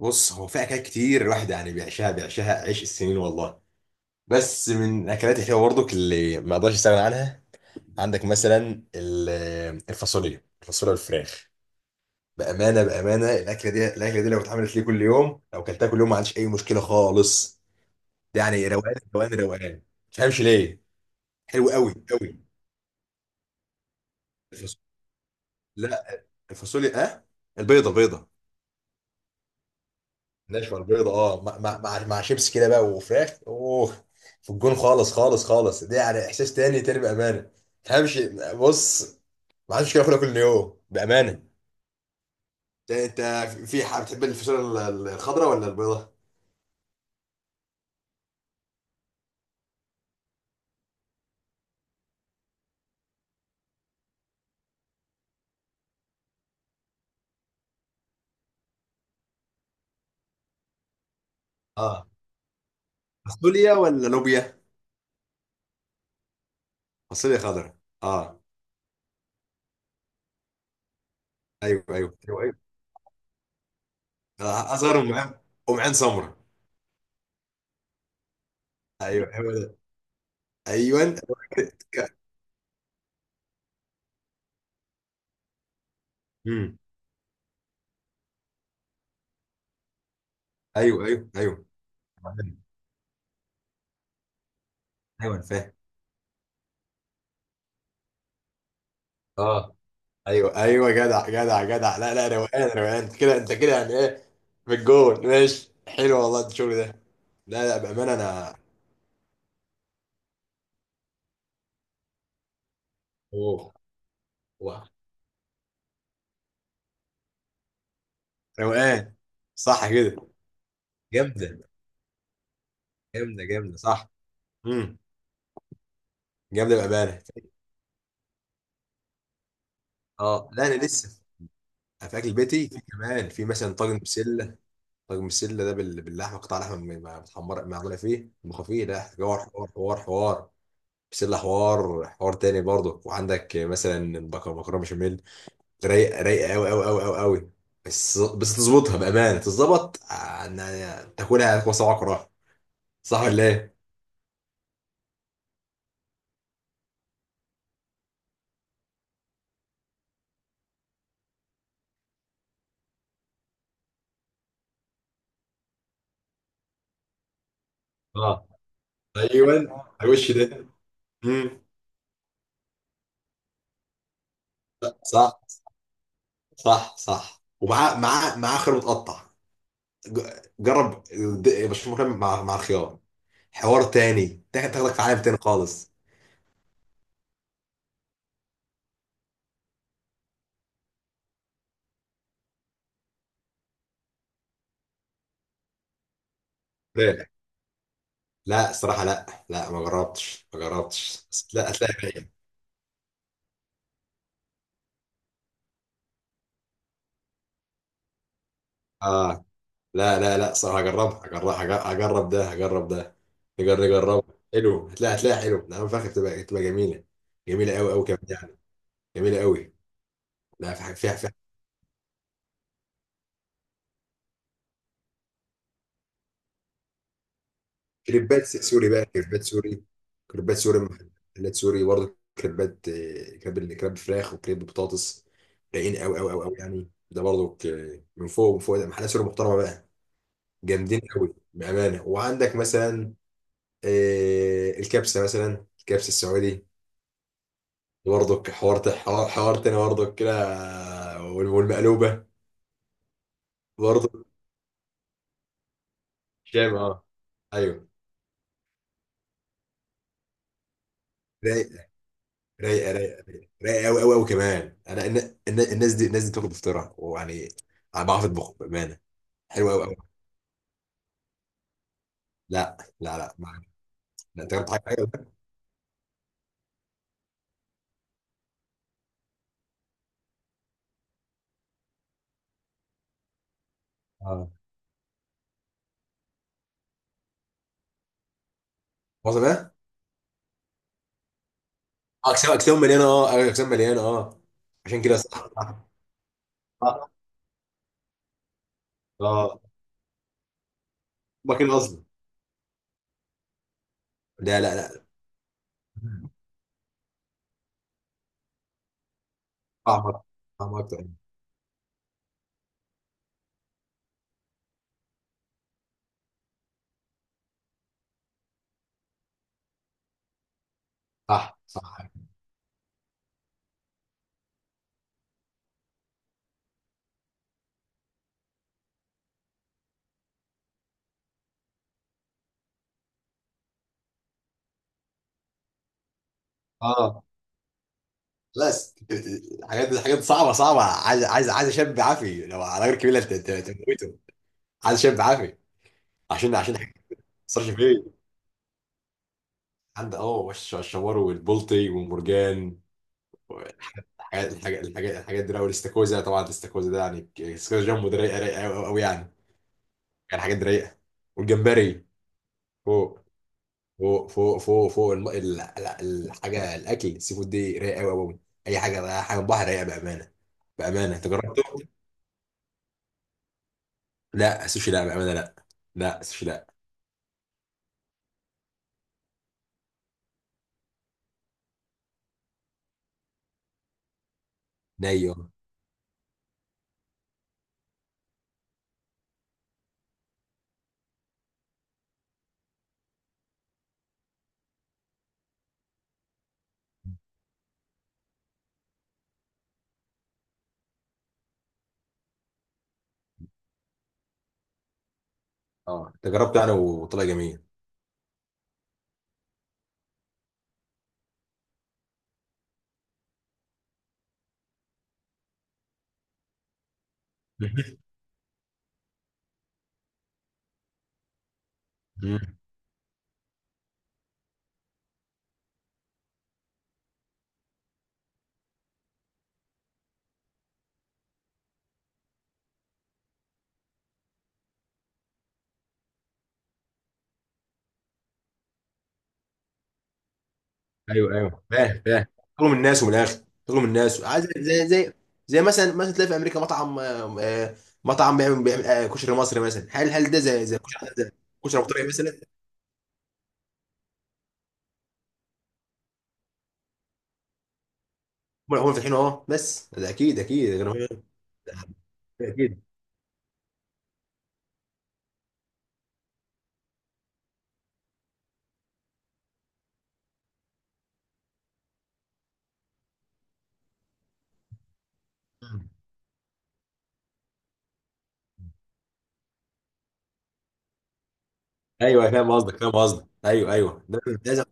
بص، هو في اكلات كتير الواحد يعني بيعشاها عيش السنين والله. بس من الاكلات الحلوه برضك اللي ما اقدرش استغنى عنها عندك مثلا الفاصوليا والفراخ. بامانه، الاكله دي لو اكلتها كل يوم ما عنديش اي مشكله خالص. دي يعني روقان روقان روقان، ما تفهمش ليه. حلو قوي قوي. الفاصوليا، لا، الفاصوليا، اه، البيضه البيضه. نشوى البيضة، اه، مع شيبس كده بقى وفراخ، اوه. في الجون خالص خالص خالص، دي يعني احساس تاني تاني بامانه. تفهمش. بص، ما عادش كده اكلها كل يوم بامانه. انت، في حاجه بتحب الفاصوليا الخضراء ولا البيضاء؟ اه، فاصوليا ولا لوبيا؟ فاصوليا خضراء، اه. ايوه، ايوه، ايوه، ايوه. آه، اصغر، ام عين، ام عين سمراء. ايوه، ايوه، ده. ايوه، أنا متأكد. امم ايوه، ايوه، ايوه، ايوه، أنا فاهم. اه، ايوه، ايوه، جدع، جدع، جدع، لا، لا، روقان، روقان، انت كده، انت كده، يعني ايه. في الجول ماشي، حلو والله الشغل ده. لا، لا، بامانه، انا. اوه، أوه. روقان. صح كده، جامده، جامده، جامده، صح. امم جامده بامانه. اه، لا، انا لسه في اكل بيتي، في كمان في مثلا طاجن بسله. طاجن بسله ده باللحمه، قطع لحمه متحمره معموله فيه مخفيه، ده حوار حوار حوار حوار. بسله حوار، حوار تاني برضه، وعندك مثلا مكرونه بشاميل. رايقه رايقه قوي قوي قوي قوي قوي. بس تظبطها بامانه، تظبط تاكلها على صباعك وراها. صح ولا ايه؟ اه، ايوه، على الوش ده. مم. صح، صح، صح، ومعاه معاه معاه خيار متقطع. جرب، مشروم مكرمل مع الخيار. حوار تاني، تاخدك في عالم تاني خالص. لا، لا، الصراحه، لا، لا، ما جربتش، ما جربتش، بس لا هتلاقي رايق. اه، لا، لا، لا، صراحة، هجربها، هجرب، هجرب ده، هجرب ده. نجربها. حلو، هتلاقي هتلاقي حلو، نعم فاخر، تبقى جميلة. جميلة قوي قوي كمان يعني. جميلة قوي. لا، في حاجة فيها. كريبات سوري بقى، كريبات سوري. كريبات سوري، محلات سوري برضه كريبات، كريب كريب فراخ وكريب بطاطس. رايقين قوي قوي قوي قوي يعني، ده برضه من فوق، من فوق، ده محلات سوري محترمة بقى. جامدين قوي بأمانة، وعندك مثلا الكبسة مثلا، الكبسة السعودي. برضك حوار، حوار حوار تاني برضك كده. والمقلوبه. برضك، شام، اه. ايوه. رايقه رايقه رايقه رايقه رايقه قوي قوي قوي كمان، انا الناس دي بتاكل بفطرها ويعني. انا بعرف اطبخ بامانه. حلوه قوي قوي. لا، لا، لا، ما. لا، انت جربت حاجه حلوه ده؟ اه، وصل بقى. اه، اجسام اجسام مليانه، اه، أيوة، اجسام مليانه، اه. عشان كده، صح، صح. اه، اه، هما كده اصلا. لا، لا، لا، طعم اكتر، طعم اكتر. صح، صح، اه. لا، حاجات حاجات صعبه صعبه، عايز عايز عايز شاب عافي، لو على غير كبيره، انت تموته. عايز شاب عافي. عشان حاجة ما تاثرش فيه. عند وش الشوار والبلطي والمرجان. الحاجات دي أوي، الاستاكوزا طبعا، الاستاكوزا ده يعني، الاستاكوزا جنبه ده رايقه رايقه قوي قوي يعني. يعني حاجات دي رايقه. والجمبري. فوق فوق فوق فوق فوق، الحاجه الاكل السي فود دي رايقه قوي قوي. اي حاجه بقى، حاجه بحر رايقه بامانه. بامانه تجربته. لا السوشي، لا بامانه، لا. لا السوشي، لا. ني، اه. آه، انت جربته انا وطلع جميل. مم. ايوه، ايوه، فاهم، فاهم. تطلب من الناس، ومن الاخر تطلب من الناس، عايز زي. زي مثلا، تلاقي في امريكا مطعم، مطعم بيعمل كشري مصري مثلا، هل ده زي كشري زي. كشري ابو طارق مثلا. هم فاتحين اهو، بس ده اكيد اكيد اكيد. مم. ايوه، فاهم قصدك، فاهم قصدك، ايوه، ايوه، ده زي.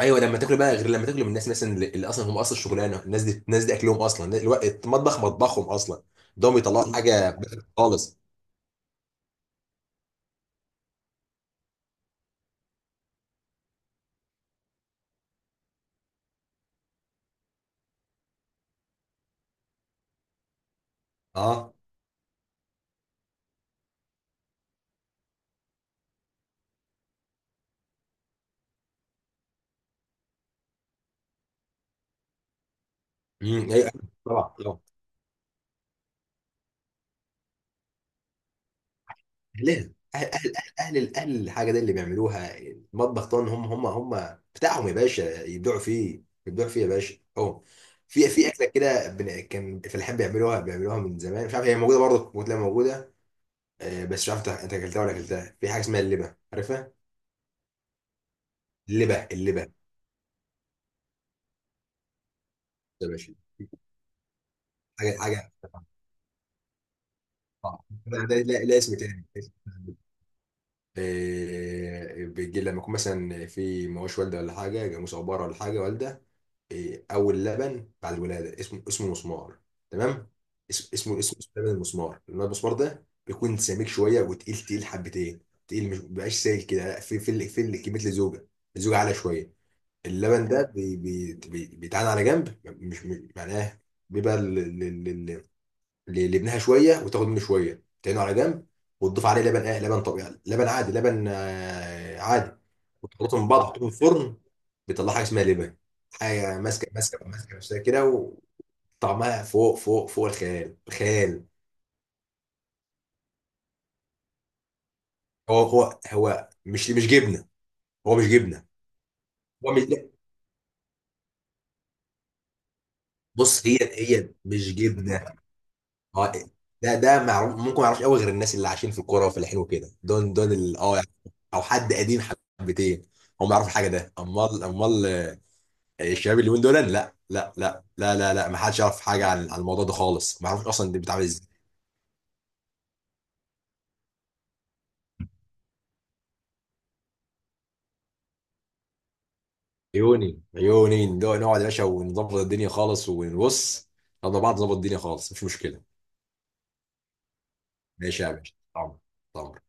ايوه، لما تاكل بقى غير لما تاكل من الناس مثلا، اللي اصلا هم، اصلا شغلانه الناس دي اكلهم، اصلا الناس- الوقت- المطبخ مطبخهم اصلا. ده بيطلعوا حاجه بخ خالص. اه، ايوه. طبعا، طبعا. اهلها اهل اهل اهل اهل أهل الحاجه دي اللي بيعملوها المطبخ طبعا، هم بتاعهم يا باشا يبدعوا فيه، يبدعوا فيه يا باشا اهو. في اكله كده، كان الفلاحين بيعملوها من زمان، مش عارف هي موجوده برضه، ممكن تلاقيها موجوده. بس مش عارف انت اكلتها ولا اكلتها في حاجه اسمها اللبه، عارفها؟ اللبه، اللبه. يا باشا. حاجه حاجه. اه، ده، لا، لا، اسم تاني. إيه بيجي لما يكون مثلا في مواش والده، ولا حاجه، جاموس او بره ولا حاجه، والده. إيه، اول لبن بعد الولاده اسمه مسمار. تمام. اسمه لبن المسمار، لان المسمار ده بيكون سميك شويه وتقيل تقيل حبتين. تقيل، مش مبقاش سائل كده، لا، في كميه الزوجه. الزوجه عاليه شويه. اللبن ده بيتعان على جنب، معناه بيبقى لابنها شويه، وتاخد منه شويه تعينه على جنب. وتضيف عليه لبن، لبن طبيعي، لبن عادي، لبن عادي. وتخلطهم من بعض وتحطهم في الفرن. بيطلع حاجه اسمها لبن. حاجه ماسكه ماسكه ماسكه نفسها كده. وطعمها فوق فوق فوق الخيال، خيال. هو مش جبنه. هو مش جبنه. هو مش، لا. بص، هي مش جبنه. هو ده معروف، ممكن ما يعرفش قوي غير الناس اللي عايشين في الكوره وفلاحين وكده، دول يعني. او حد قديم. حبتين. هم ما يعرفوا حاجه ده، امال. الشباب اللي من دول، لا، لا. لا، لا، لا، لا، ما حدش يعرف حاجه عن الموضوع ده خالص، ما يعرفش اصلا ده بيتعمل ازاي. عيوني عيوني، نقعد نقعد يا باشا ونظبط الدنيا خالص ونبص. نقعد مع بعض، نظبط الدنيا خالص، مش مشكله. ماشي يا باشا، طبعا. طبعا.